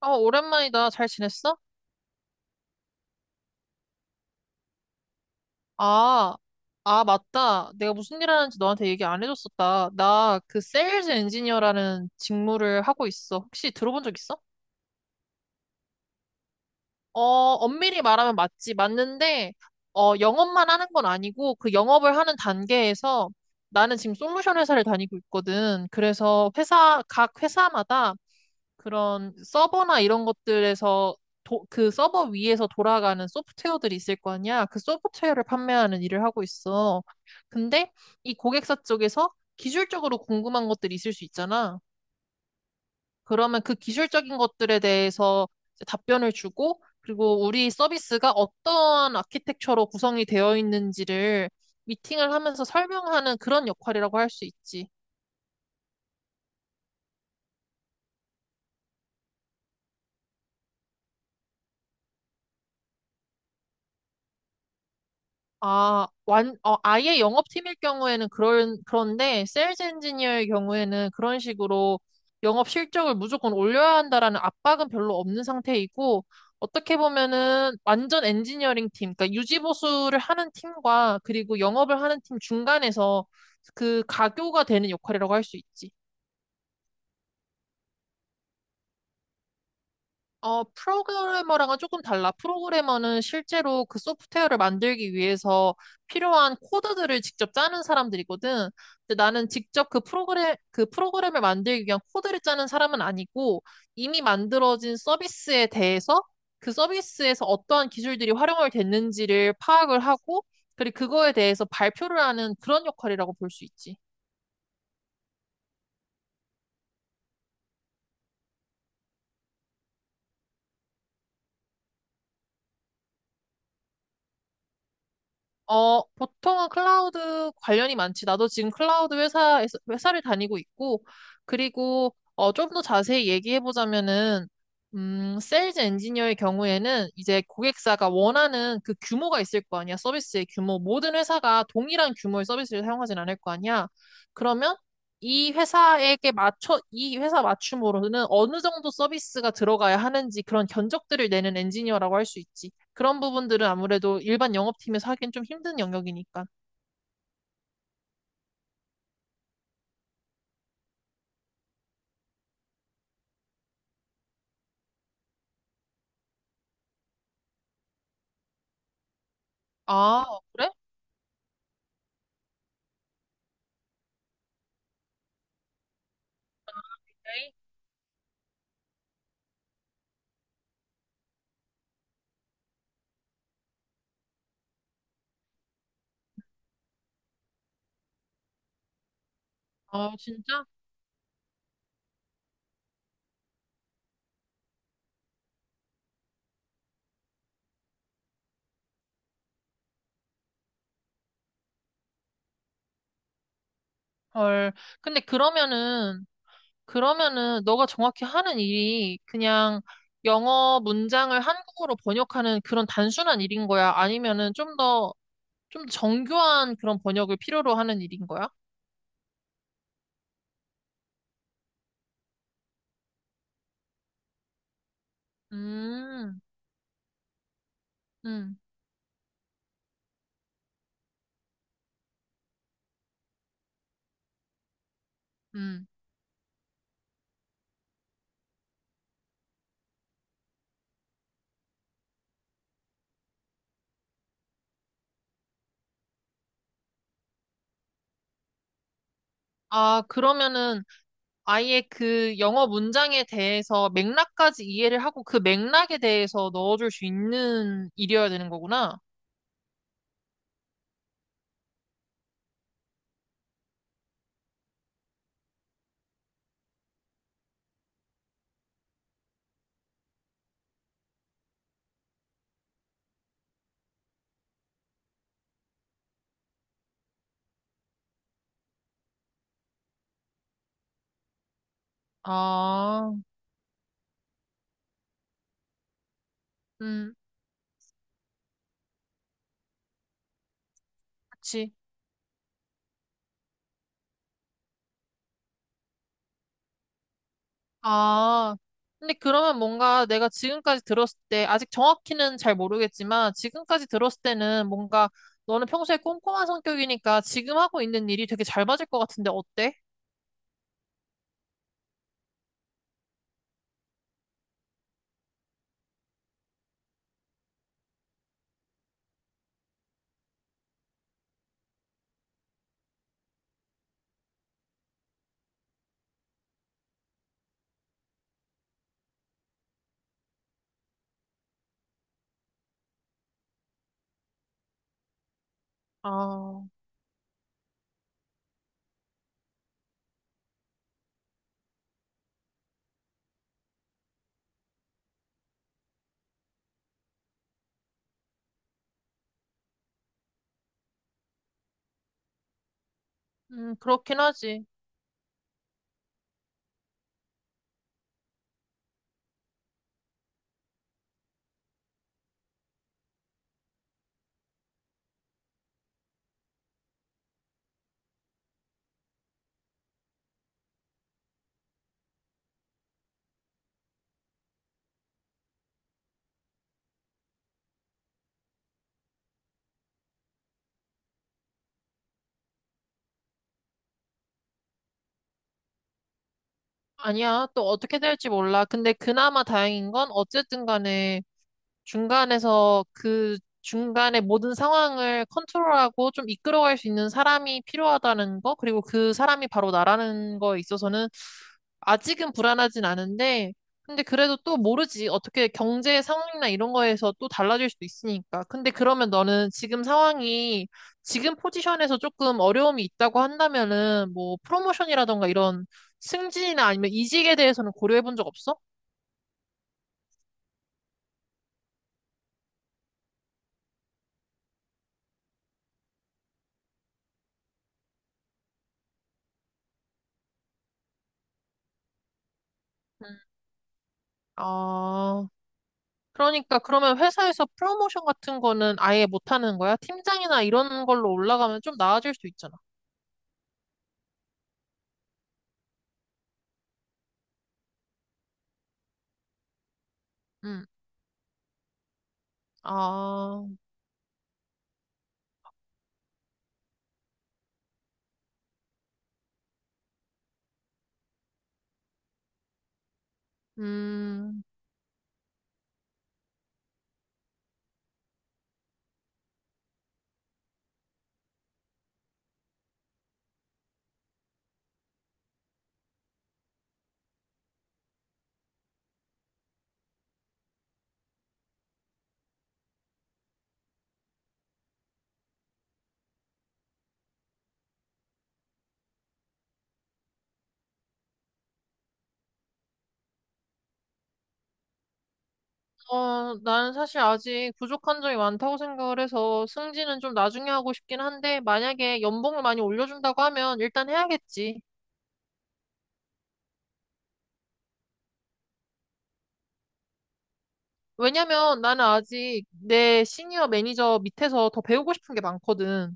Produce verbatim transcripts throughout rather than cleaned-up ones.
아, 오랜만이다. 잘 지냈어? 아, 아, 맞다. 내가 무슨 일 하는지 너한테 얘기 안 해줬었다. 나 그 세일즈 엔지니어라는 직무를 하고 있어. 혹시 들어본 적 있어? 어, 엄밀히 말하면 맞지. 맞는데, 어, 영업만 하는 건 아니고, 그 영업을 하는 단계에서 나는 지금 솔루션 회사를 다니고 있거든. 그래서 회사, 각 회사마다 그런 서버나 이런 것들에서 도, 그 서버 위에서 돌아가는 소프트웨어들이 있을 거 아니야. 그 소프트웨어를 판매하는 일을 하고 있어. 근데 이 고객사 쪽에서 기술적으로 궁금한 것들이 있을 수 있잖아. 그러면 그 기술적인 것들에 대해서 이제 답변을 주고, 그리고 우리 서비스가 어떤 아키텍처로 구성이 되어 있는지를 미팅을 하면서 설명하는 그런 역할이라고 할 수 있지. 아, 완, 어, 아예 영업팀일 경우에는 그런, 그런데, 세일즈 엔지니어의 경우에는 그런 식으로 영업 실적을 무조건 올려야 한다라는 압박은 별로 없는 상태이고, 어떻게 보면은 완전 엔지니어링 팀, 그러니까 유지보수를 하는 팀과 그리고 영업을 하는 팀 중간에서 그 가교가 되는 역할이라고 할 수 있지. 어, 프로그래머랑은 조금 달라. 프로그래머는 실제로 그 소프트웨어를 만들기 위해서 필요한 코드들을 직접 짜는 사람들이거든. 근데 나는 직접 그 프로그램, 그 프로그램을 만들기 위한 코드를 짜는 사람은 아니고 이미 만들어진 서비스에 대해서 그 서비스에서 어떠한 기술들이 활용을 됐는지를 파악을 하고 그리고 그거에 대해서 발표를 하는 그런 역할이라고 볼 수 있지. 어, 보통은 클라우드 관련이 많지. 나도 지금 클라우드 회사에서, 회사를 다니고 있고, 그리고, 어, 좀 더 자세히 얘기해보자면은, 음, 세일즈 엔지니어의 경우에는 이제 고객사가 원하는 그 규모가 있을 거 아니야. 서비스의 규모. 모든 회사가 동일한 규모의 서비스를 사용하진 않을 거 아니야. 그러면 이 회사에게 맞춰, 이 회사 맞춤으로는 어느 정도 서비스가 들어가야 하는지 그런 견적들을 내는 엔지니어라고 할 수 있지. 그런 부분들은 아무래도 일반 영업팀에서 하긴 좀 힘든 영역이니까. 아, 그래? 에이. 아, 진짜? 헐. 근데 그러면은, 그러면은 너가 정확히 하는 일이 그냥 영어 문장을 한국어로 번역하는 그런 단순한 일인 거야? 아니면은 좀 더, 좀 정교한 그런 번역을 필요로 하는 일인 거야? 음, 음, 음. 아, 그러면은 아예 그 영어 문장에 대해서 맥락까지 이해를 하고 그 맥락에 대해서 넣어줄 수 있는 일이어야 되는 거구나. 아, 음, 그치. 아, 근데 그러면 뭔가 내가 지금까지 들었을 때, 아직 정확히는 잘 모르겠지만, 지금까지 들었을 때는 뭔가 너는 평소에 꼼꼼한 성격이니까 지금 하고 있는 일이 되게 잘 맞을 것 같은데 어때? 아, 음, 그렇긴 하지. 아니야, 또 어떻게 될지 몰라. 근데 그나마 다행인 건 어쨌든 간에 중간에서 그 중간에 모든 상황을 컨트롤하고 좀 이끌어갈 수 있는 사람이 필요하다는 거, 그리고 그 사람이 바로 나라는 거에 있어서는 아직은 불안하진 않은데, 근데 그래도 또 모르지. 어떻게 경제 상황이나 이런 거에서 또 달라질 수도 있으니까. 근데 그러면 너는 지금 상황이 지금 포지션에서 조금 어려움이 있다고 한다면은 뭐 프로모션이라던가 이런 승진이나 아니면 이직에 대해서는 고려해 본 적 없어? 음. 아, 그러니까 그러면 회사에서 프로모션 같은 거는 아예 못하는 거야? 팀장이나 이런 걸로 올라가면 좀 나아질 수 있잖아. 음. 아, 음, 어, 나는 사실 아직 부족한 점이 많다고 생각을 해서 승진은 좀 나중에 하고 싶긴 한데 만약에 연봉을 많이 올려준다고 하면 일단 해야겠지. 왜냐면 나는 아직 내 시니어 매니저 밑에서 더 배우고 싶은 게 많거든.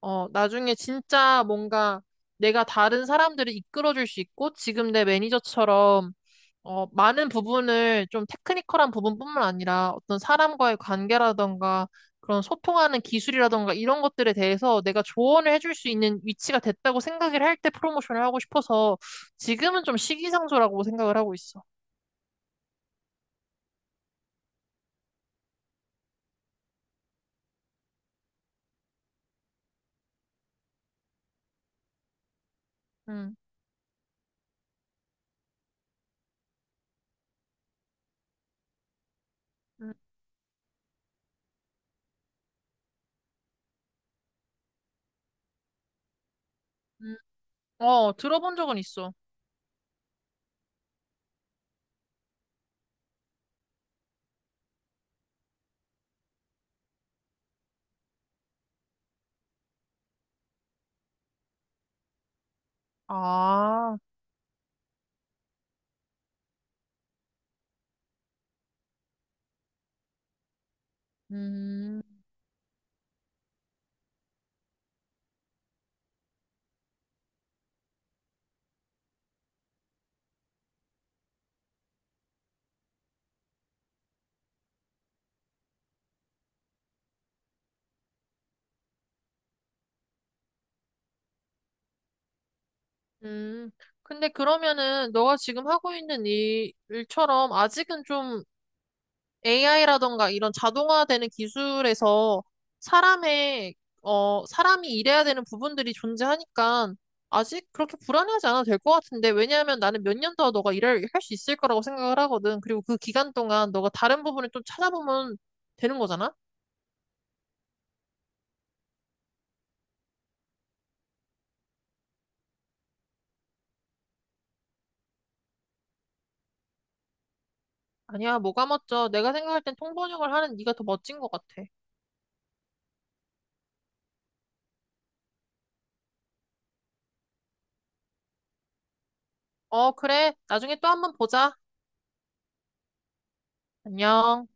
어, 나중에 진짜 뭔가 내가 다른 사람들을 이끌어줄 수 있고 지금 내 매니저처럼 어, 많은 부분을 좀 테크니컬한 부분뿐만 아니라 어떤 사람과의 관계라던가 그런 소통하는 기술이라던가 이런 것들에 대해서 내가 조언을 해줄 수 있는 위치가 됐다고 생각을 할 때 프로모션을 하고 싶어서 지금은 좀 시기상조라고 생각을 하고 있어. 음, 음, 음. 어, 들어본 적은 있어. 아, 음, 음. 근데 그러면은 너가 지금 하고 있는 일, 일처럼 아직은 좀 에이아이라던가 이런 자동화되는 기술에서 사람의, 어, 사람이 일해야 되는 부분들이 존재하니까 아직 그렇게 불안해하지 않아도 될 것 같은데, 왜냐하면 나는 몇 년 더 너가 일을 할 수 있을 거라고 생각을 하거든. 그리고 그 기간 동안 너가 다른 부분을 좀 찾아보면 되는 거잖아? 아니야, 뭐가 멋져. 내가 생각할 땐 통번역을 하는 네가 더 멋진 것 같아. 어, 그래. 나중에 또 한번 보자. 안녕.